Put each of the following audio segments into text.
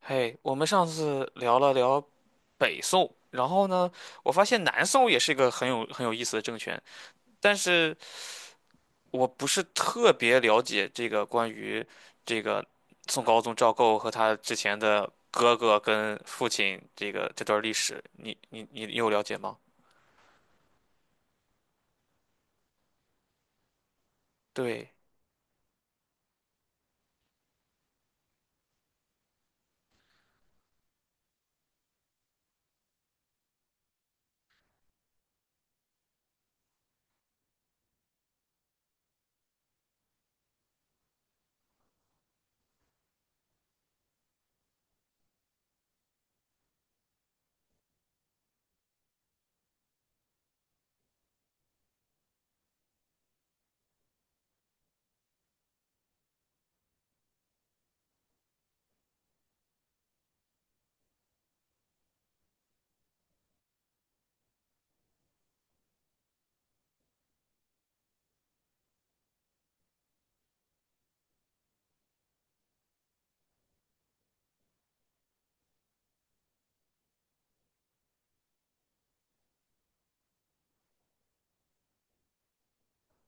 嘿，我们上次聊了聊北宋，然后呢，我发现南宋也是一个很有意思的政权，但是我不是特别了解这个关于这个宋高宗赵构和他之前的哥哥跟父亲这个这段历史，你有了解吗？对，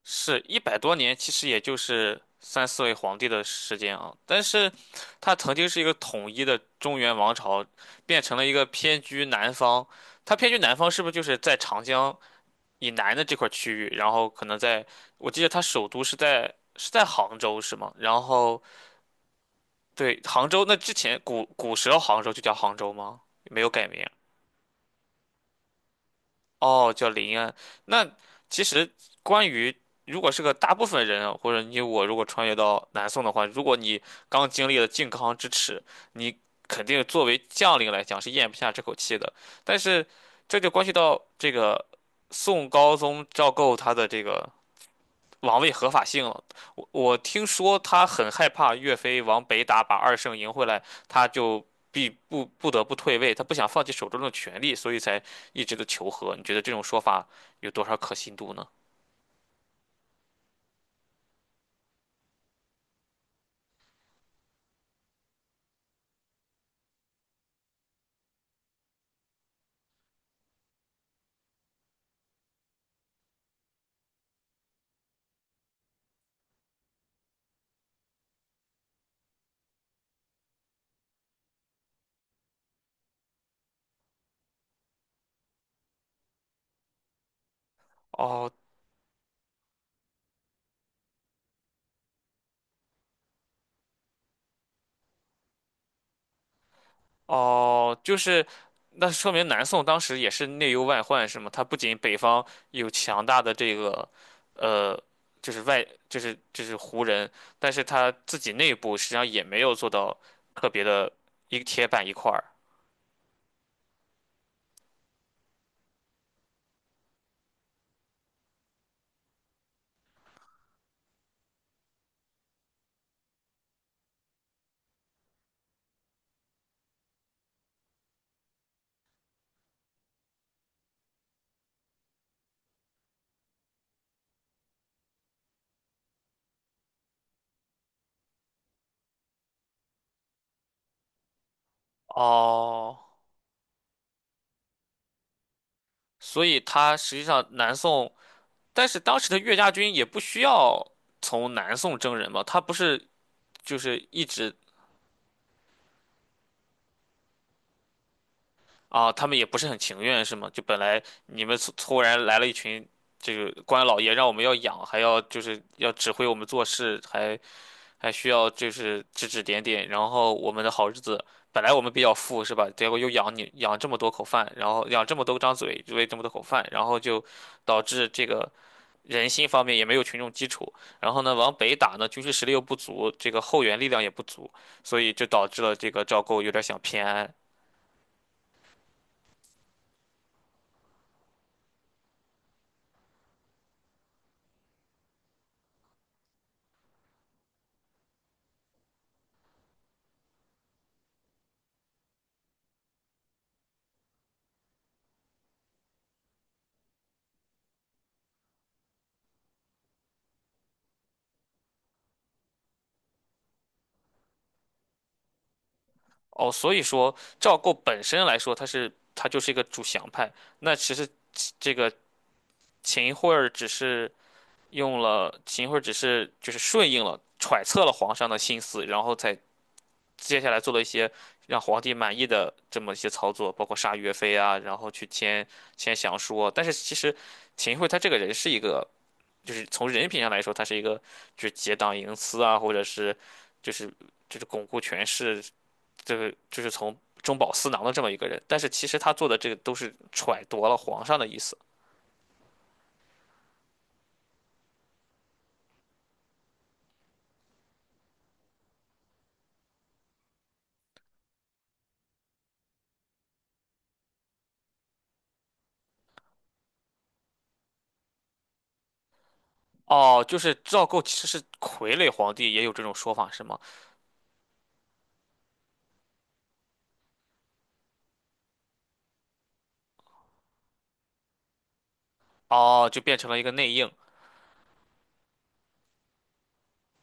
是一百多年，其实也就是三四位皇帝的时间啊。但是，它曾经是一个统一的中原王朝，变成了一个偏居南方。它偏居南方，是不是就是在长江以南的这块区域？然后可能在，我记得它首都是在杭州，是吗？然后对，杭州，那之前古时候杭州就叫杭州吗？没有改名。哦，叫林安。那其实关于如果是个大部分人啊或者你我如果穿越到南宋的话，如果你刚经历了靖康之耻，你肯定作为将领来讲是咽不下这口气的。但是这就关系到这个宋高宗赵构他的这个王位合法性了。我听说他很害怕岳飞往北打，把二圣赢回来，他就不得不退位，他不想放弃手中的权力，所以才一直的求和。你觉得这种说法有多少可信度呢？哦哦，就是那说明南宋当时也是内忧外患，是吗？他不仅北方有强大的这个呃。就是外，就是胡人，但是他自己内部实际上也没有做到特别的一个铁板一块儿。哦，所以他实际上南宋，但是当时的岳家军也不需要从南宋征人吧？他不是就是一直啊，他们也不是很情愿是吗？就本来你们突然来了一群这个官老爷，让我们要养，还要就是要指挥我们做事，还需要就是指指点点，然后我们的好日子。本来我们比较富是吧？结果又养你养这么多口饭，然后养这么多张嘴，喂这么多口饭，然后就导致这个人心方面也没有群众基础，然后呢，往北打呢，军事实力又不足，这个后援力量也不足，所以就导致了这个赵构有点想偏安。哦，所以说赵构本身来说，他就是一个主降派，那其实这个秦桧儿只是用了秦桧儿只是就是顺应了揣测了皇上的心思，然后才接下来做了一些让皇帝满意的这么一些操作，包括杀岳飞啊，然后去签降书啊。但是其实秦桧他这个人是一个，就是从人品上来说，他是一个就是结党营私啊，或者是就是就是巩固权势，这个就是从中饱私囊的这么一个人。但是其实他做的这个都是揣度了皇上的意思。哦，就是赵构其实是傀儡皇帝，也有这种说法是吗？哦，就变成了一个内应。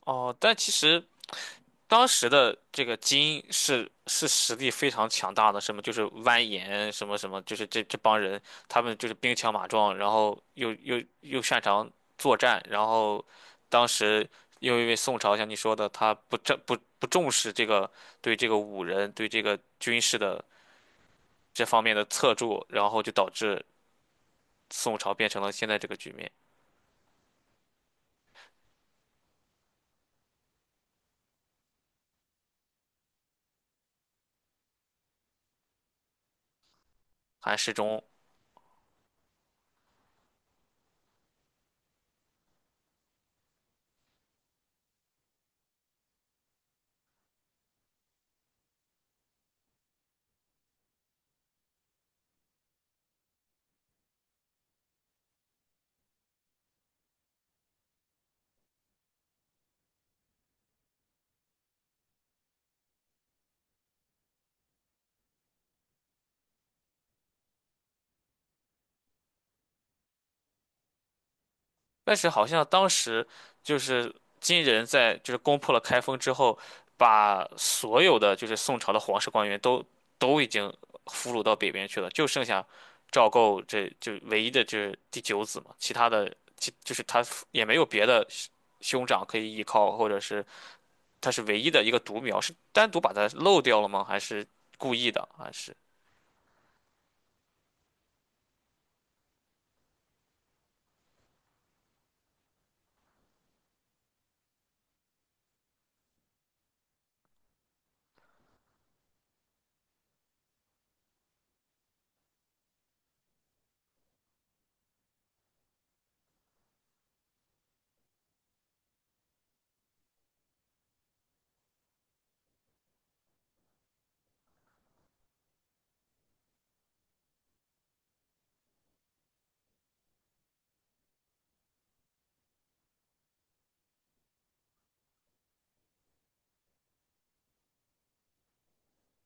哦，但其实，当时的这个金是实力非常强大的，什么就是蜿蜒什么什么，就是这帮人，他们就是兵强马壮，然后又擅长作战，然后当时又因为宋朝像你说的，他不重视这个对这个武人对这个军事的这方面的侧重，然后就导致宋朝变成了现在这个局面。韩世忠。但是好像当时就是金人在就是攻破了开封之后，把所有的就是宋朝的皇室官员都已经俘虏到北边去了，就剩下赵构这就唯一的这第九子嘛，其他的就是他也没有别的兄长可以依靠，或者是他是唯一的一个独苗，是单独把他漏掉了吗？还是故意的？还是？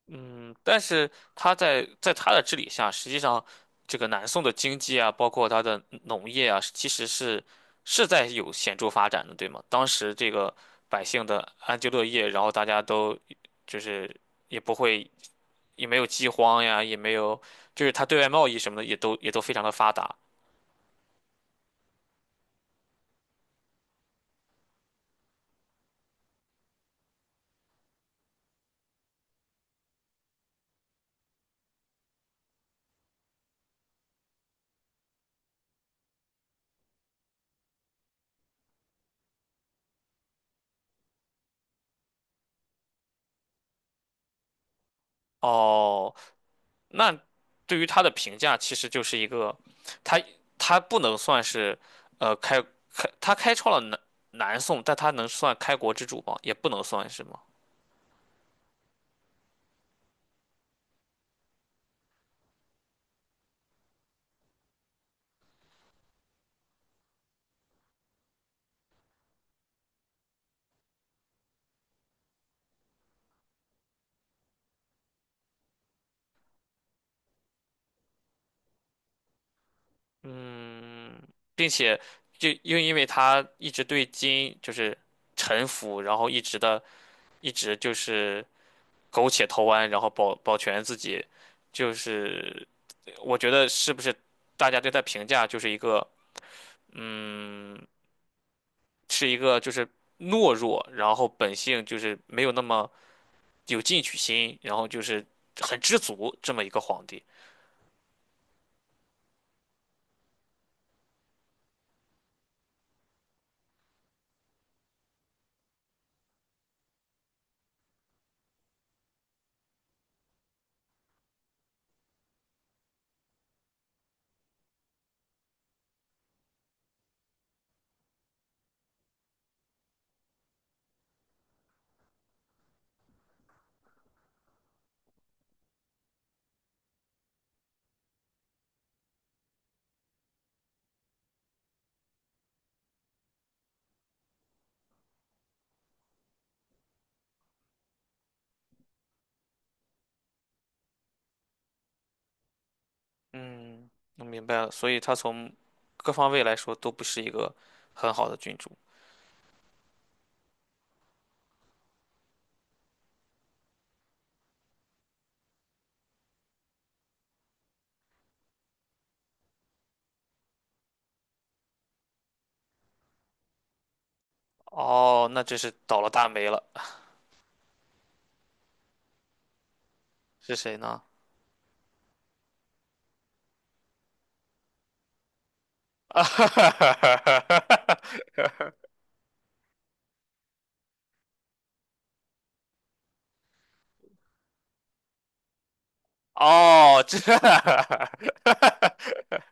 嗯，但是他在他的治理下，实际上这个南宋的经济啊，包括它的农业啊，其实是在有显著发展的，对吗？当时这个百姓的安居乐业，然后大家都就是也不会也没有饥荒呀，也没有就是他对外贸易什么的也都非常的发达。哦，那对于他的评价，其实就是一个，他他不能算是，呃，开他开创了南宋，但他能算开国之主吗？也不能算是吗？嗯，并且就又因为他一直对金就是臣服，然后一直就是苟且偷安，然后保全自己，就是我觉得是不是大家对他评价就是一个嗯。是一个就是懦弱，然后本性就是没有那么有进取心，然后就是很知足这么一个皇帝。嗯，我明白了，所以他从各方位来说都不是一个很好的君主。哦，那真是倒了大霉了，是谁呢？哦，这，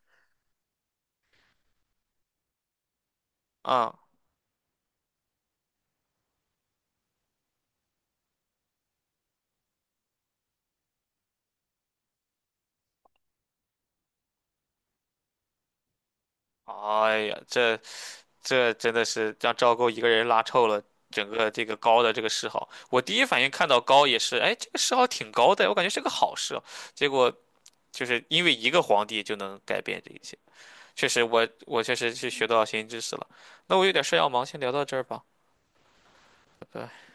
嗯。哎呀，这真的是让赵构一个人拉臭了整个这个高的这个谥号。我第一反应看到高也是，哎，这个谥号挺高的，我感觉是个好事哦。结果就是因为一个皇帝就能改变这一切，确实我确实是学到新知识了。那我有点事要忙，先聊到这儿吧，拜拜。